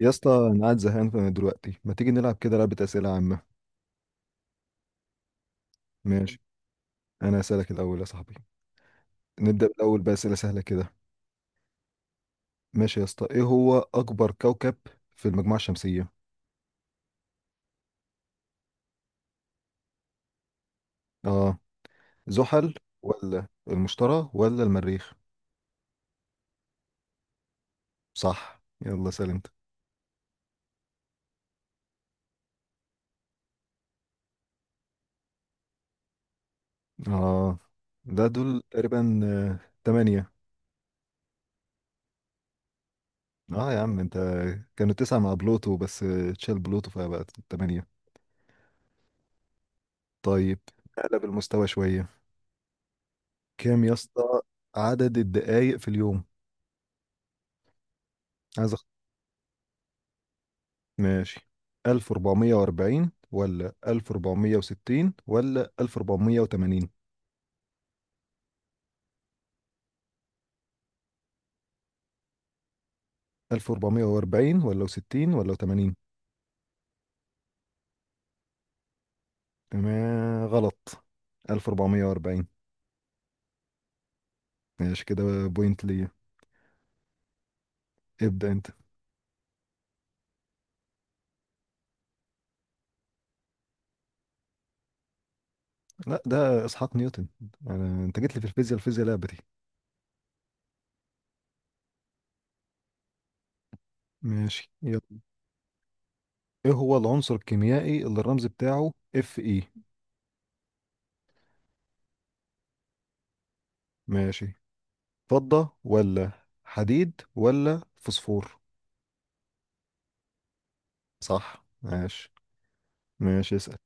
يا اسطى، انا قاعد زهقان فانا دلوقتي ما تيجي نلعب كده لعبة أسئلة عامة؟ ماشي. انا هسألك الاول يا صاحبي. نبدأ الاول بأسئلة سهلة كده. ماشي يا اسطى، ايه هو اكبر كوكب في المجموعة الشمسية؟ اه. زحل. ولا المشتري ولا المريخ؟ صح، يلا سأل انت. اه، ده دول تقريبا تمانية. اه يا عم انت، كانوا تسعة مع بلوتو بس، تشال بلوتو فبقت تمانية. طيب. نقلب المستوى شوية. كام يا اسطى عدد الدقايق في اليوم؟ عايز؟ ماشي. 1440 ولا 1460 ولا 1480؟ 1440 ولا 60 ولا 80؟ تمام، غلط. 1440. ماشي، كده بوينت ليا. ابدأ انت. لا، ده اسحاق نيوتن. انت جيت لي في الفيزياء، لعبتي. ماشي، يلا. ايه هو العنصر الكيميائي اللي الرمز بتاعه اف اي؟ ماشي. فضة ولا حديد ولا فوسفور؟ صح، ماشي. ماشي، اسأل.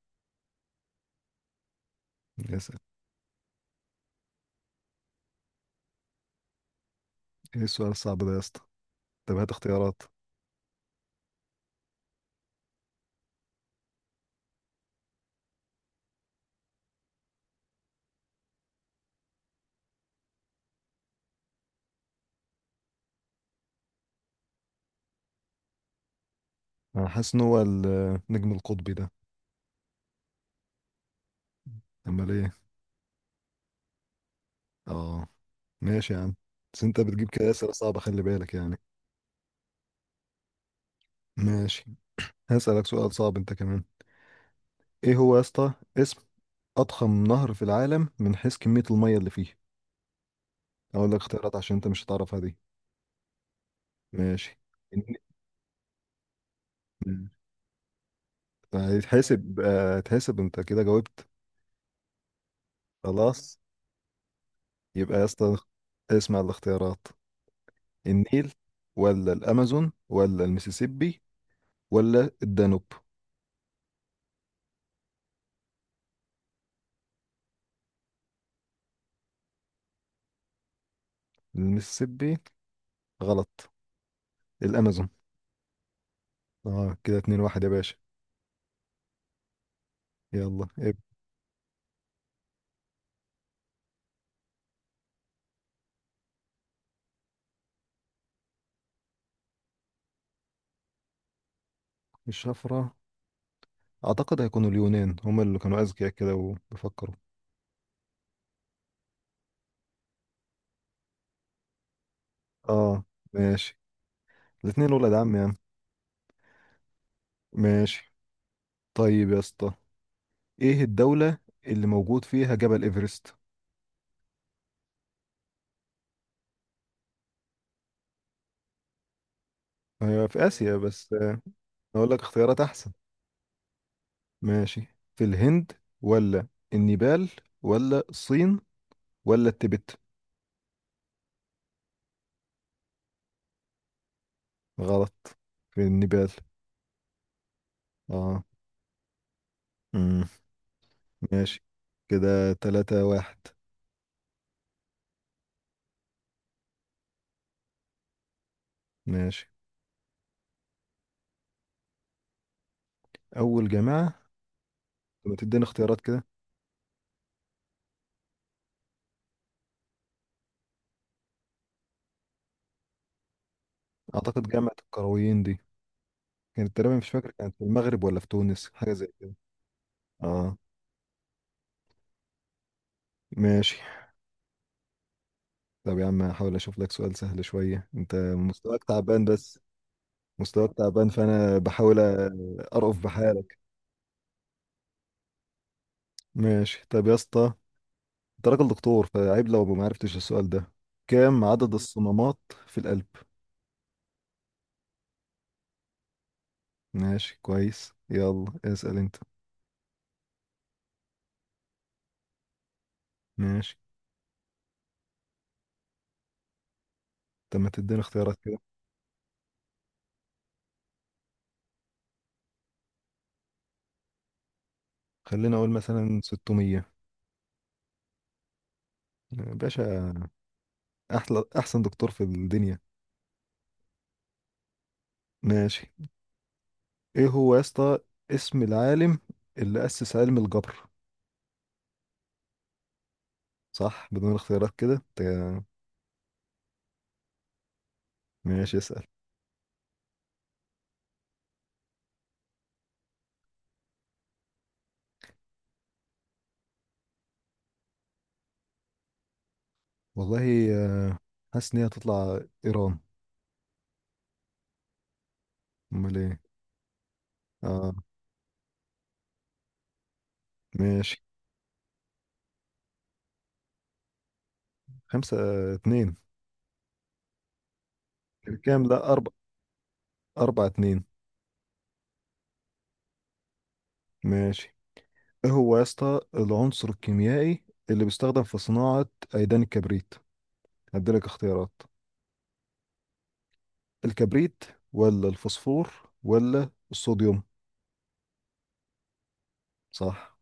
اسأل. ايه السؤال الصعب ده يا اسطى؟ طب هات اختيارات. انا حاسس ان هو النجم القطبي ده. امال ايه؟ اه، ماشي يا عم. بس انت بتجيب كده اسئله صعبه، خلي بالك يعني. ماشي. هسألك سؤال صعب انت كمان. ايه هو يا اسطى اسم اضخم نهر في العالم من حيث كميه الميه اللي فيه؟ اقول لك اختيارات عشان انت مش هتعرفها دي. ماشي. الن- هيتحسب انت كده جاوبت. خلاص. يبقى يا اسطى، اسمع الاختيارات. النيل ولا الامازون ولا المسيسيبي ولا الدانوب؟ المسيسيبي. غلط. الامازون. اه، كده اتنين واحد يا باشا. يلا اب. الشفرة. اعتقد هيكونوا اليونان، هما اللي كانوا اذكياء كده وبيفكروا. اه، ماشي. الاتنين ولاد عم يعني. ماشي، طيب يا اسطى، ايه الدولة اللي موجود فيها جبل ايفرست؟ هي في اسيا بس، اقول لك اختيارات احسن. ماشي. في الهند ولا النيبال ولا الصين ولا التبت؟ غلط. في النيبال. اه، ماشي. كده تلاتة واحد. ماشي. أول جامعة. لما تديني اختيارات كده. أعتقد جامعة القرويين دي كانت تقريبا، مش فاكر، كانت في المغرب ولا في تونس، حاجة زي كده. اه، ماشي. طب يا عم، هحاول أشوف لك سؤال سهل شوية، أنت مستواك تعبان بس. مستواك تعبان فأنا بحاول أرأف بحالك. ماشي، طب يا اسطى، أنت راجل دكتور فعيب لو ما عرفتش السؤال ده. كام عدد الصمامات في القلب؟ ماشي، كويس. يلا اسأل أنت. ماشي. طب ما تديني اختيارات كده. خلينا اقول مثلا 600. باشا، احلى احسن دكتور في الدنيا. ماشي. ايه هو يا اسطى اسم العالم اللي اسس علم الجبر؟ صح، بدون اختيارات كده. ماشي، اسال. والله، حاسس ان هي هتطلع ايران. امال ايه؟ اه، ماشي. خمسة، اتنين. كام؟ لا، اربع. اربعة اتنين. ماشي. ايه هو يا اسطى العنصر الكيميائي اللي بيستخدم في صناعة ايدان الكبريت؟ هديلك اختيارات. الكبريت ولا الفوسفور ولا الصوديوم؟ صح.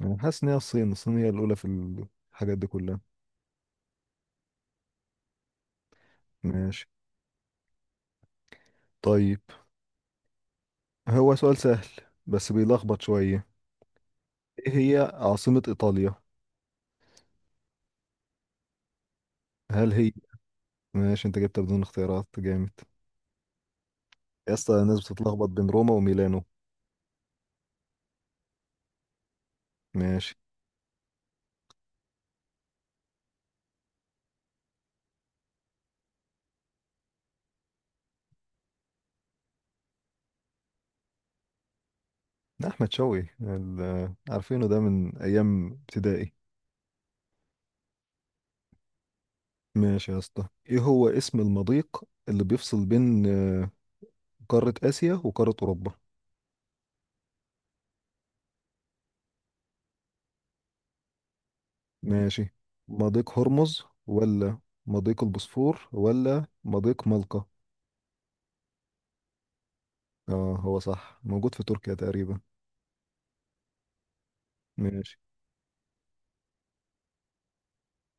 انا حاسس ان هي الصين. الصين هي الاولى في الحاجات دي كلها. ماشي. طيب. هو سؤال سهل بس بيلخبط شويه. ايه هي عاصمة ايطاليا؟ هل هي؟ ماشي، انت جبتها بدون اختيارات، جامد. يا اسطى الناس بتتلخبط بين روما وميلانو. ماشي. ده احمد شوقي، عارفينه ده من ايام ابتدائي. ماشي يا اسطى، ايه هو اسم المضيق اللي بيفصل بين قارة اسيا وقارة اوروبا؟ ماشي. مضيق هرمز ولا مضيق البوسفور ولا مضيق ملقا؟ اه، هو صح، موجود في تركيا تقريبا. ماشي.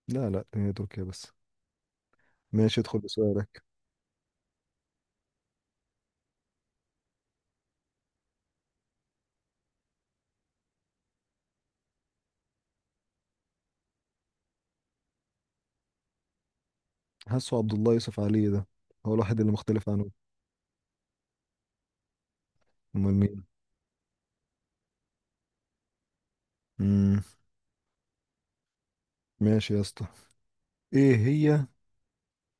لا لا، هي تركيا بس. ماشي، ادخل بسؤالك. حاسه عبد الله يوسف علي ده هو الوحيد اللي مختلف عنه. امال مين؟ امم. ماشي يا اسطى، ايه هي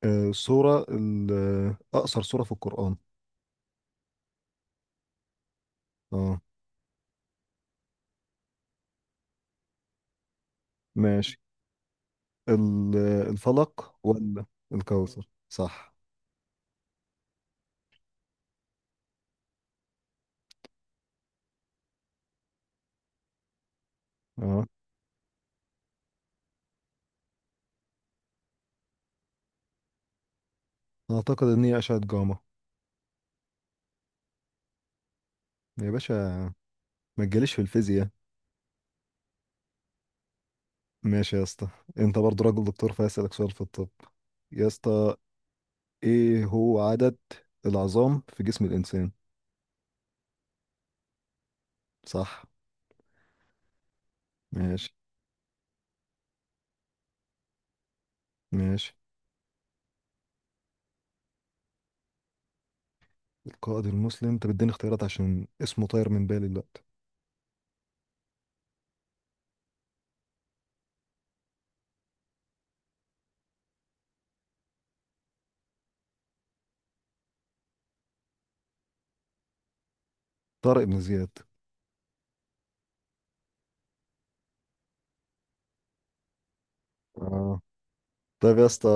آه سورة ال- آه، اقصر سورة في القرآن؟ اه، ماشي. الفلق ولا الكوثر؟ صح. اه، اعتقد ان هي اشعة جاما. يا باشا، ما تجيليش في الفيزياء. ماشي يا اسطى، انت برضو راجل دكتور فاسألك سؤال في الطب، يا اسطى. ايه هو عدد العظام في جسم الانسان؟ صح، ماشي. ماشي. القائد المسلم، انت بتديني اختيارات عشان اسمه طاير من بالي دلوقتي. طارق بن زياد. اه، طيب يا اسطى،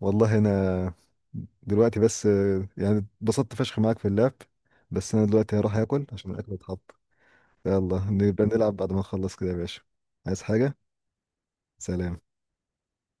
والله انا دلوقتي بس يعني اتبسطت فشخ معاك في اللعب، بس انا دلوقتي هروح اكل عشان الاكل اتحط. يلا نبقى نلعب بعد ما نخلص كده يا باشا. عايز حاجة؟ سلام.